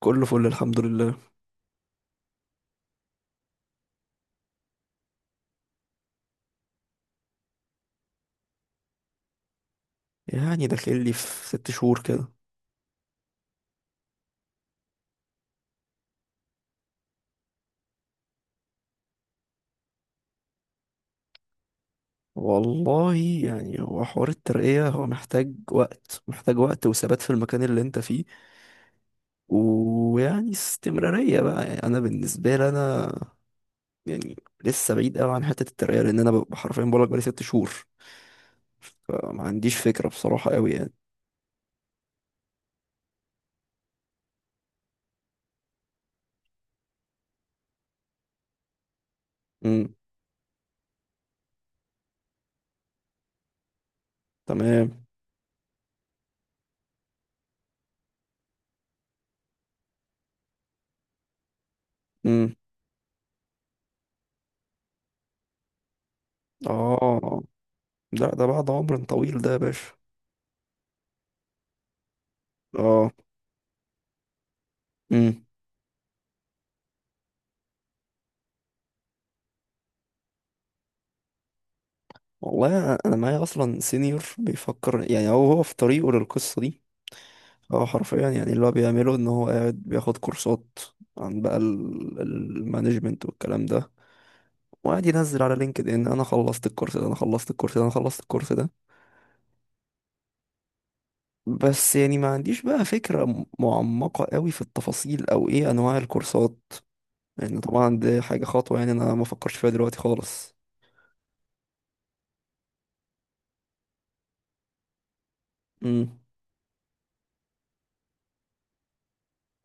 كله فل الحمد لله. يعني داخل لي في 6 شهور كده. والله يعني هو حوار الترقية، هو محتاج وقت محتاج وقت وثبات في المكان اللي انت فيه، ويعني استمرارية بقى. يعني انا بالنسبة لي انا يعني لسه بعيد قوي عن حتة الترقية، لان انا ببقى حرفيا بقولك بقالي 6 شهور. فما عنديش فكرة بصراحة قوي يعني. امم تمام. امم اه. لا ده بعد عمر طويل ده يا باشا. اه. امم والله انا معايا اصلا سينيور بيفكر، يعني هو في طريقه للقصه دي. هو حرفيا يعني اللي هو بيعمله ان هو قاعد بياخد كورسات عن بقى المانجمنت والكلام ده. وقاعد ينزل على لينكد ان انا خلصت الكورس ده، انا خلصت الكورس ده، انا خلصت الكورس ده. بس يعني ما عنديش بقى فكره معمقه قوي في التفاصيل او ايه انواع الكورسات. يعني طبعا دي حاجه خطوه يعني انا ما فكرش فيها دلوقتي خالص. امم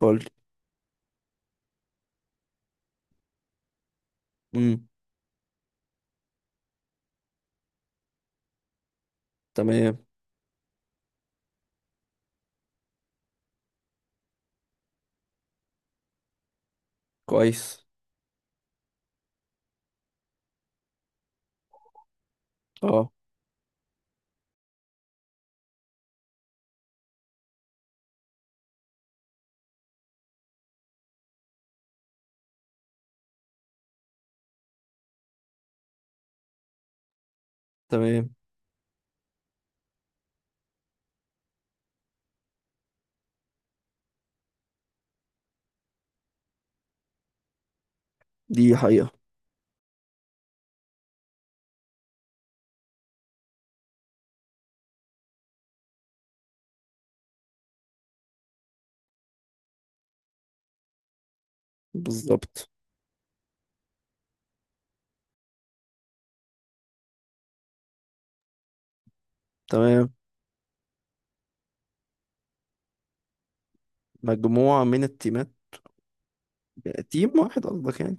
قول. امم. تمام كويس. اه تمام. دي حقيقه. بالظبط. تمام. مجموعة من التيمات. تيم واحد قصدك يعني؟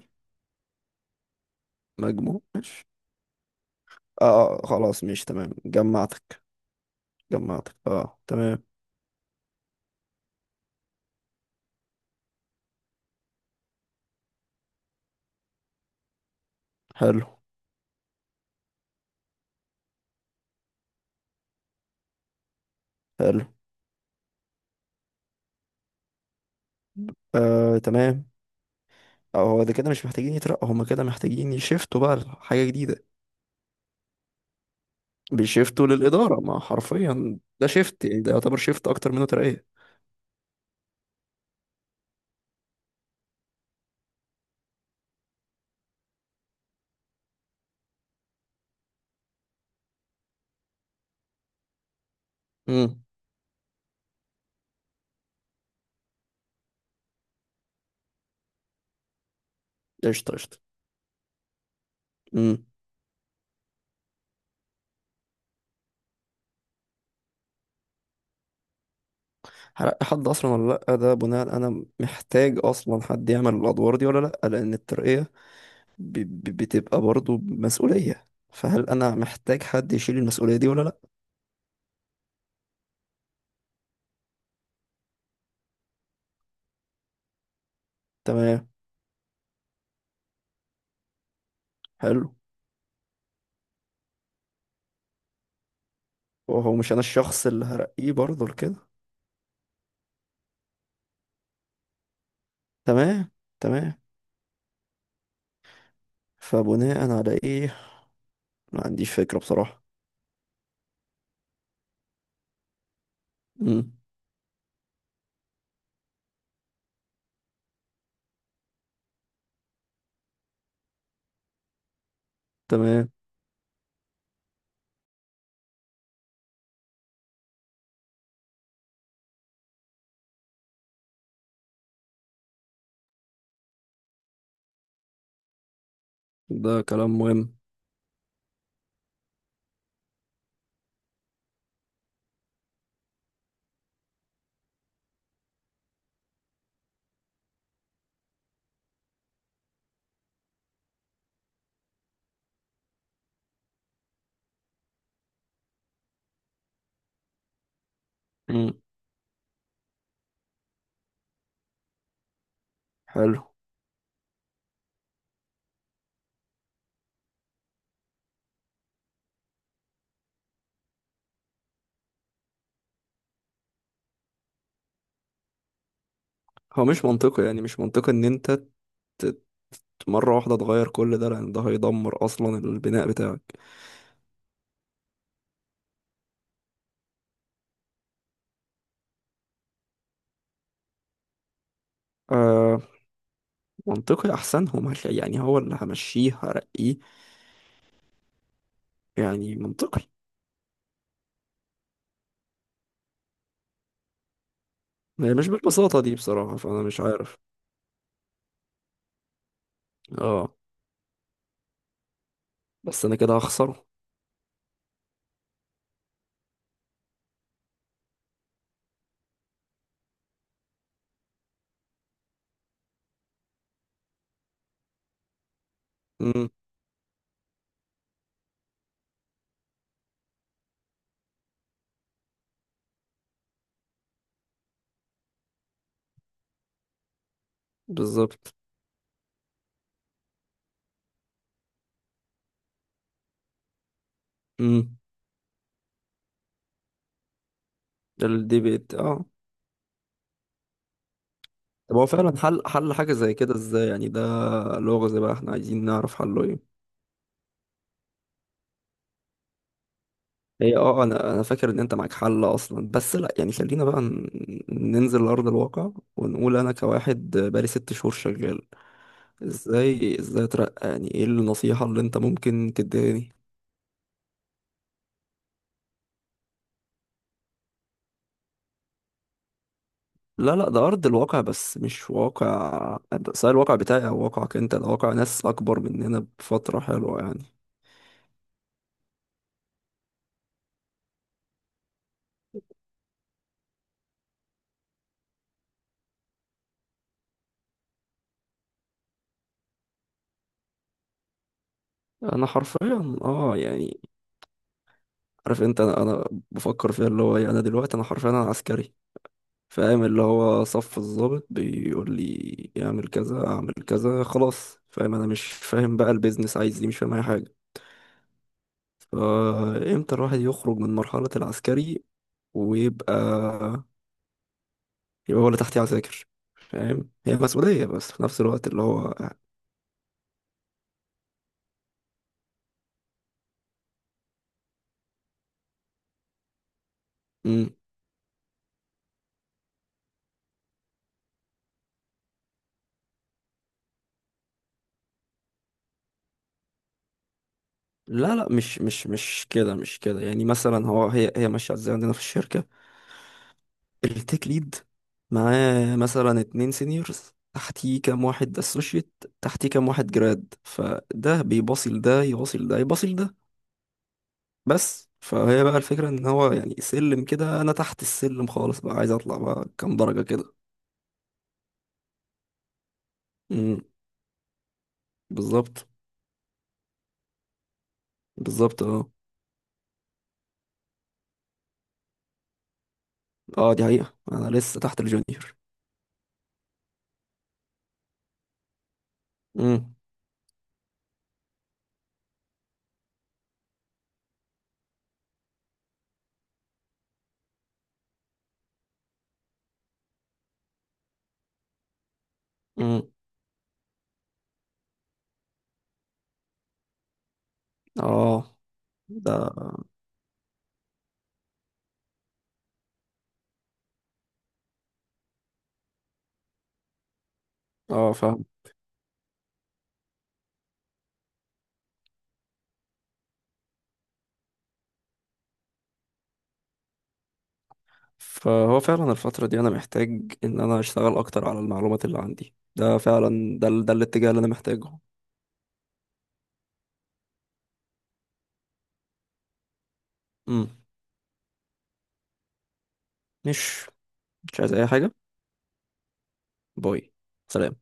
مجموعة ماشي. اه، آه، آه، خلاص ماشي تمام جمعتك. جمعتك اه تمام. حلو. حلو. آه تمام. اه هو ده كده مش محتاجين يترقوا، هما كده محتاجين يشفتوا بقى لحاجة جديدة. بيشفتوا للإدارة، ما حرفيا ده شيفت يعني، ده يعتبر شيفت أكتر منه ترقية. امم. قشطة قشطة. امم هرقي حد أصلا ولا لأ، ده بناء، أنا محتاج أصلا حد يعمل الأدوار دي ولا لأ، لأن الترقية بتبقى برضو مسؤولية، فهل أنا محتاج حد يشيل المسؤولية دي ولا لأ؟ تمام. حلو. وهو مش أنا الشخص اللي هرقيه برضو لكده. تمام. تمام. فبناء على إيه؟ ما عنديش فكرة بصراحة. مم. تمام. ده كلام مهم. مم. حلو. هو مش منطقي، يعني مش منطقي إن أنت ت- مرة واحدة تغير كل ده، لأن ده هيدمر أصلا البناء بتاعك. آه. منطقي أحسنهم، يعني هو اللي همشيه هرقيه، يعني منطقي. هي مش بالبساطة دي بصراحة، فأنا مش عارف. اه. بس أنا كده هخسره. امم. بالظبط. امم ده الديبيت اه. طب هو فعلا حل حاجة زي كده ازاي يعني؟ ده لغز بقى، احنا عايزين نعرف حله ايه. هي اه، انا فاكر ان انت معاك حل اصلا، بس لا يعني خلينا بقى ننزل لأرض الواقع. ونقول انا كواحد بقالي 6 شهور شغال. ازاي اترقى يعني؟ ايه النصيحة اللي انت ممكن تديهاني؟ لا لا، ده أرض الواقع بس مش واقع. سواء الواقع بتاعي أو واقعك أنت، ده واقع ناس أكبر مننا بفترة حلوة يعني. أنا حرفيا يعني عارف أنت، أنا بفكر فيها اللي هو إيه، أنا دلوقتي أنا حرفيا أنا عسكري. فاهم؟ اللي هو صف الضابط بيقول لي اعمل كذا اعمل كذا خلاص. فاهم، أنا مش فاهم بقى البيزنس عايز إيه، مش فاهم أي حاجة. فإمتى الواحد يخرج من مرحلة العسكري ويبقى، يبقى هو اللي تحتيه عساكر؟ فاهم هي مسؤولية بس في نفس الوقت اللي هو. مم. لا لا، مش كده مش كده. يعني مثلا هو هي ماشيه ازاي عندنا في الشركه. التيك ليد معاه مثلا 2 سينيورز، تحتيه كام واحد اسوشيت، تحتيه كام واحد جراد، فده بيباصل ده، يواصل ده، يباصل ده. بس فهي بقى الفكره ان هو يعني سلم كده، انا تحت السلم خالص بقى، عايز اطلع بقى كام درجه كده. امم. بالظبط. بالظبط اه اه. دي حقيقه، انا لسه تحت الجونيور. امم. امم اه. ده اه. فاهم. فهو فعلا الفترة دي أنا محتاج إن أنا أشتغل أكتر على المعلومات اللي عندي، ده فعلا. ده الاتجاه اللي أنا محتاجه. مم. مش مش عايز أي حاجة. باي. سلام.